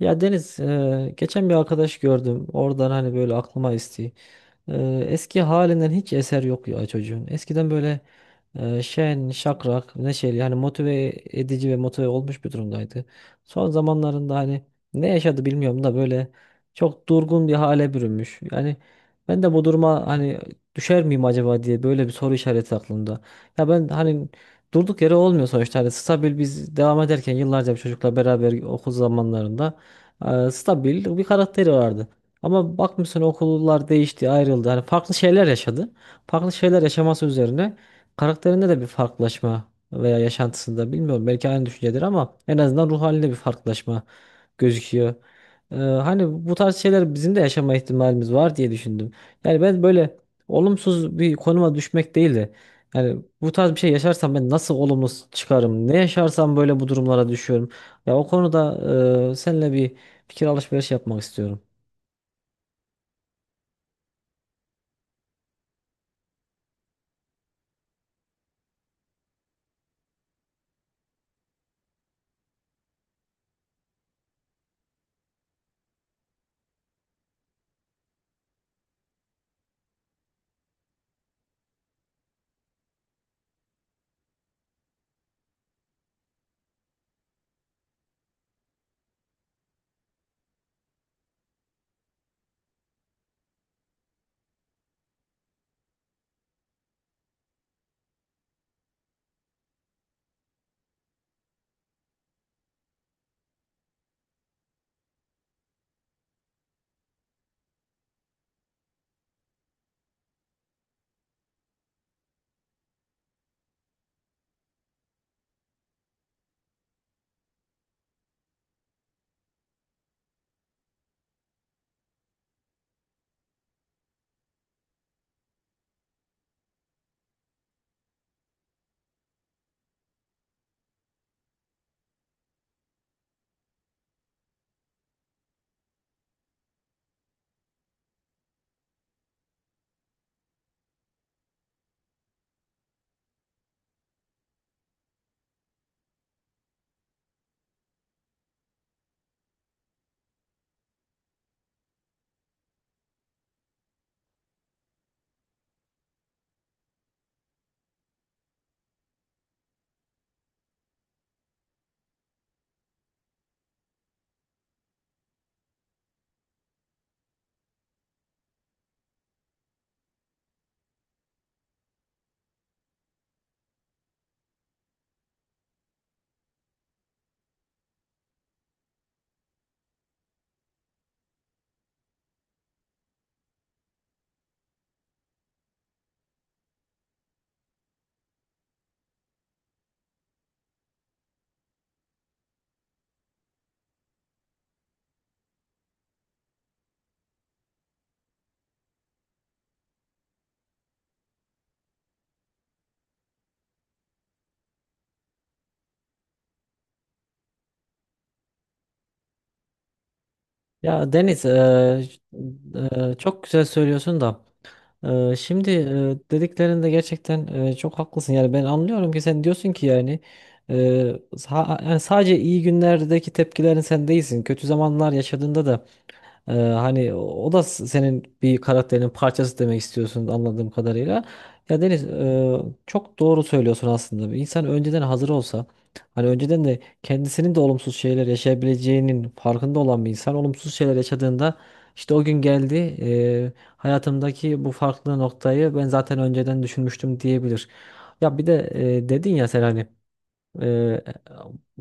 Ya Deniz, geçen bir arkadaş gördüm. Oradan hani böyle aklıma esti. E, Eski halinden hiç eser yok ya çocuğun. Eskiden böyle şen, şakrak, neşeli hani motive edici ve motive olmuş bir durumdaydı. Son zamanlarında hani ne yaşadı bilmiyorum da böyle çok durgun bir hale bürünmüş. Yani ben de bu duruma hani düşer miyim acaba diye böyle bir soru işareti aklımda. Ya ben hani durduk yere olmuyor sonuçta. Hani stabil biz devam ederken yıllarca bir çocukla beraber okul zamanlarında stabil bir karakteri vardı. Ama bakmışsın okullar değişti, ayrıldı. Hani farklı şeyler yaşadı. Farklı şeyler yaşaması üzerine karakterinde de bir farklılaşma veya yaşantısında bilmiyorum belki aynı düşüncedir ama en azından ruh halinde bir farklılaşma gözüküyor. Hani bu tarz şeyler bizim de yaşama ihtimalimiz var diye düşündüm. Yani ben böyle olumsuz bir konuma düşmek değil de yani bu tarz bir şey yaşarsam ben nasıl olumlu çıkarım? Ne yaşarsam böyle bu durumlara düşüyorum. Ya o konuda seninle bir fikir alışverişi yapmak istiyorum. Ya Deniz, çok güzel söylüyorsun da. Şimdi dediklerinde gerçekten çok haklısın. Yani ben anlıyorum ki sen diyorsun ki yani, e, yani sadece iyi günlerdeki tepkilerin sen değilsin. Kötü zamanlar yaşadığında da hani o da senin bir karakterinin parçası demek istiyorsun anladığım kadarıyla. Ya Deniz, çok doğru söylüyorsun aslında. Bir İnsan önceden hazır olsa, hani önceden de kendisinin de olumsuz şeyler yaşayabileceğinin farkında olan bir insan olumsuz şeyler yaşadığında işte o gün geldi, e, hayatımdaki bu farklı noktayı ben zaten önceden düşünmüştüm diyebilir. Ya bir de dedin ya sen hani, Eee,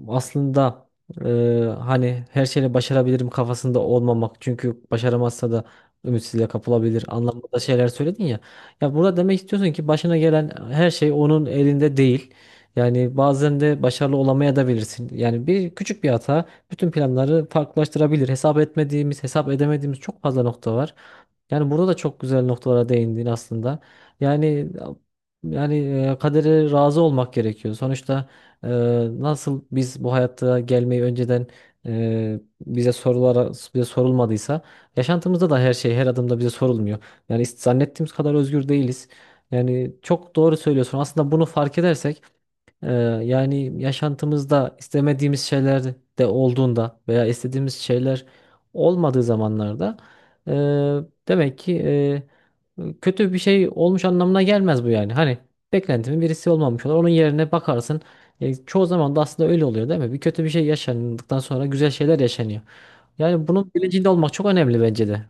aslında hani her şeyi başarabilirim kafasında olmamak. Çünkü başaramazsa da ümitsizliğe kapılabilir anlamında şeyler söyledin ya. Ya burada demek istiyorsun ki başına gelen her şey onun elinde değil. Yani bazen de başarılı olamaya da bilirsin. Yani bir küçük bir hata bütün planları farklılaştırabilir. Hesap etmediğimiz, hesap edemediğimiz çok fazla nokta var. Yani burada da çok güzel noktalara değindin aslında. Yani yani, kadere razı olmak gerekiyor. Sonuçta ee, nasıl biz bu hayatta gelmeyi önceden bize sorulmadıysa, yaşantımızda da her şey her adımda bize sorulmuyor. Zannettiğimiz kadar özgür değiliz. Yani çok doğru söylüyorsun. Aslında bunu fark edersek ee, yani yaşantımızda istemediğimiz şeyler de olduğunda veya istediğimiz şeyler olmadığı zamanlarda e, demek ki kötü bir şey olmuş anlamına gelmez bu yani. Hani beklentimin birisi olmamış olur. Onun yerine bakarsın. Çoğu zaman da aslında öyle oluyor değil mi? Bir kötü bir şey yaşandıktan sonra güzel şeyler yaşanıyor. Yani bunun bilincinde olmak çok önemli bence de.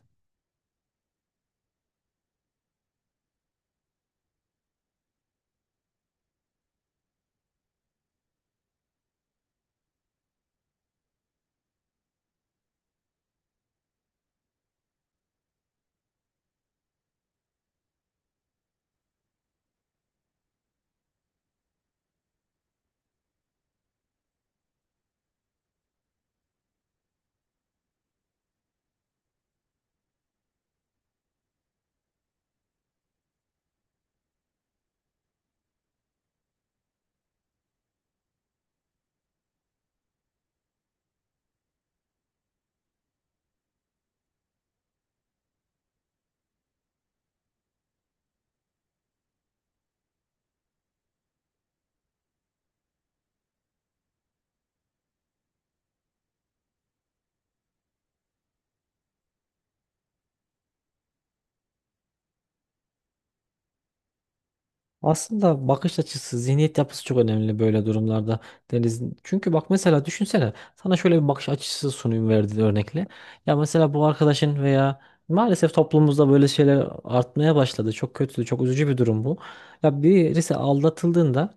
Aslında bakış açısı, zihniyet yapısı çok önemli böyle durumlarda Deniz. Çünkü bak mesela düşünsene, sana şöyle bir bakış açısı sunayım verdiği örnekle. Ya mesela bu arkadaşın veya maalesef toplumumuzda böyle şeyler artmaya başladı. Çok kötü, çok üzücü bir durum bu. Ya birisi aldatıldığında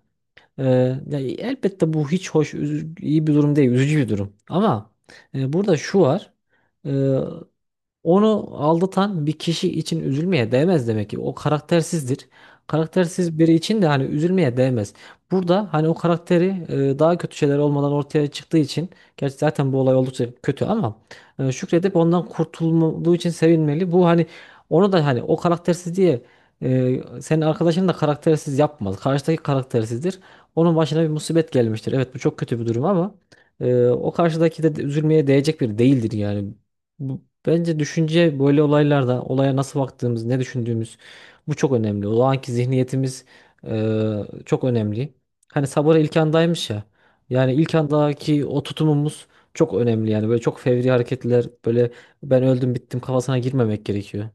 e, ya elbette bu hiç hoş, iyi bir durum değil, üzücü bir durum. Ama burada şu var. e, Onu aldatan bir kişi için üzülmeye değmez demek ki. O karaktersizdir. Karaktersiz biri için de hani üzülmeye değmez. Burada hani o karakteri, daha kötü şeyler olmadan ortaya çıktığı için, gerçi zaten bu olay oldukça kötü ama şükredip ondan kurtulduğu için sevinmeli. Bu hani onu da hani o karaktersiz diye, senin arkadaşını da karaktersiz yapmaz. Karşıdaki karaktersizdir. Onun başına bir musibet gelmiştir. Evet bu çok kötü bir durum ama o karşıdaki de üzülmeye değecek biri değildir yani. Bu, bence düşünce böyle olaylarda olaya nasıl baktığımız, ne düşündüğümüz, bu çok önemli. O anki zihniyetimiz çok önemli. Hani sabır ilk andaymış ya. Yani ilk andaki o tutumumuz çok önemli. Yani böyle çok fevri hareketler, böyle ben öldüm bittim kafasına girmemek gerekiyor.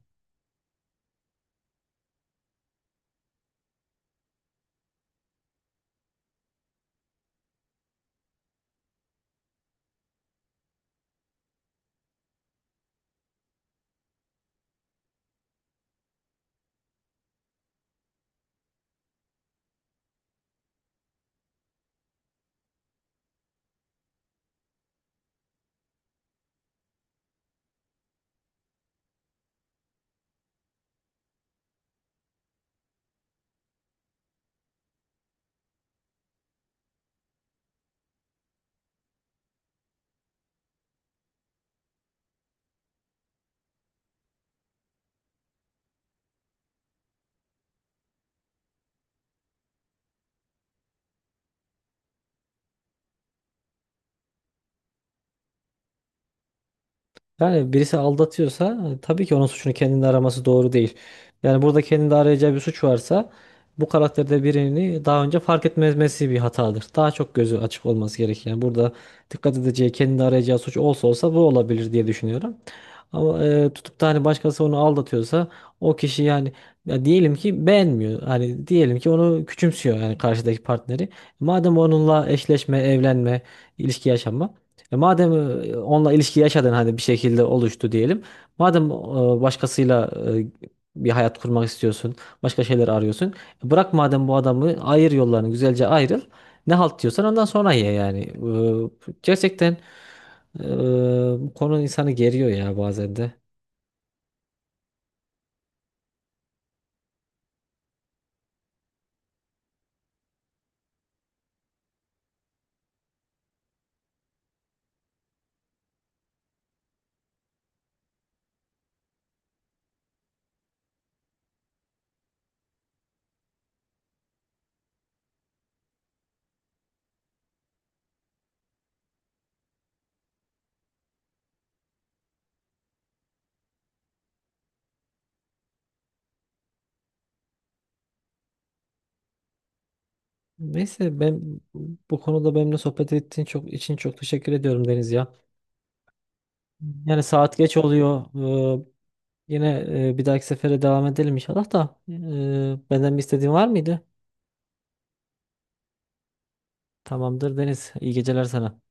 Yani birisi aldatıyorsa tabii ki onun suçunu kendinde araması doğru değil. Yani burada kendinde arayacağı bir suç varsa, bu karakterde birini daha önce fark etmemesi bir hatadır. Daha çok gözü açık olması gerek. Yani burada dikkat edeceği, kendinde arayacağı suç olsa olsa bu olabilir diye düşünüyorum. Ama tutup da hani başkası onu aldatıyorsa o kişi yani, ya diyelim ki beğenmiyor. Hani diyelim ki onu küçümsüyor yani karşıdaki partneri. Madem onunla eşleşme, evlenme, ilişki yaşama, e madem onunla ilişki yaşadın hani bir şekilde oluştu diyelim. Madem başkasıyla e, bir hayat kurmak istiyorsun, başka şeyler arıyorsun. Bırak madem bu adamı, ayır yollarını, güzelce ayrıl. Ne halt diyorsan ondan sonra ye yani. Gerçekten e, bu konu insanı geriyor ya bazen de. Neyse ben bu konuda benimle sohbet ettiğin çok için çok teşekkür ediyorum Deniz ya. Yani saat geç oluyor. E, Yine bir dahaki sefere devam edelim inşallah da. Benden bir istediğin var mıydı? Tamamdır Deniz. İyi geceler sana.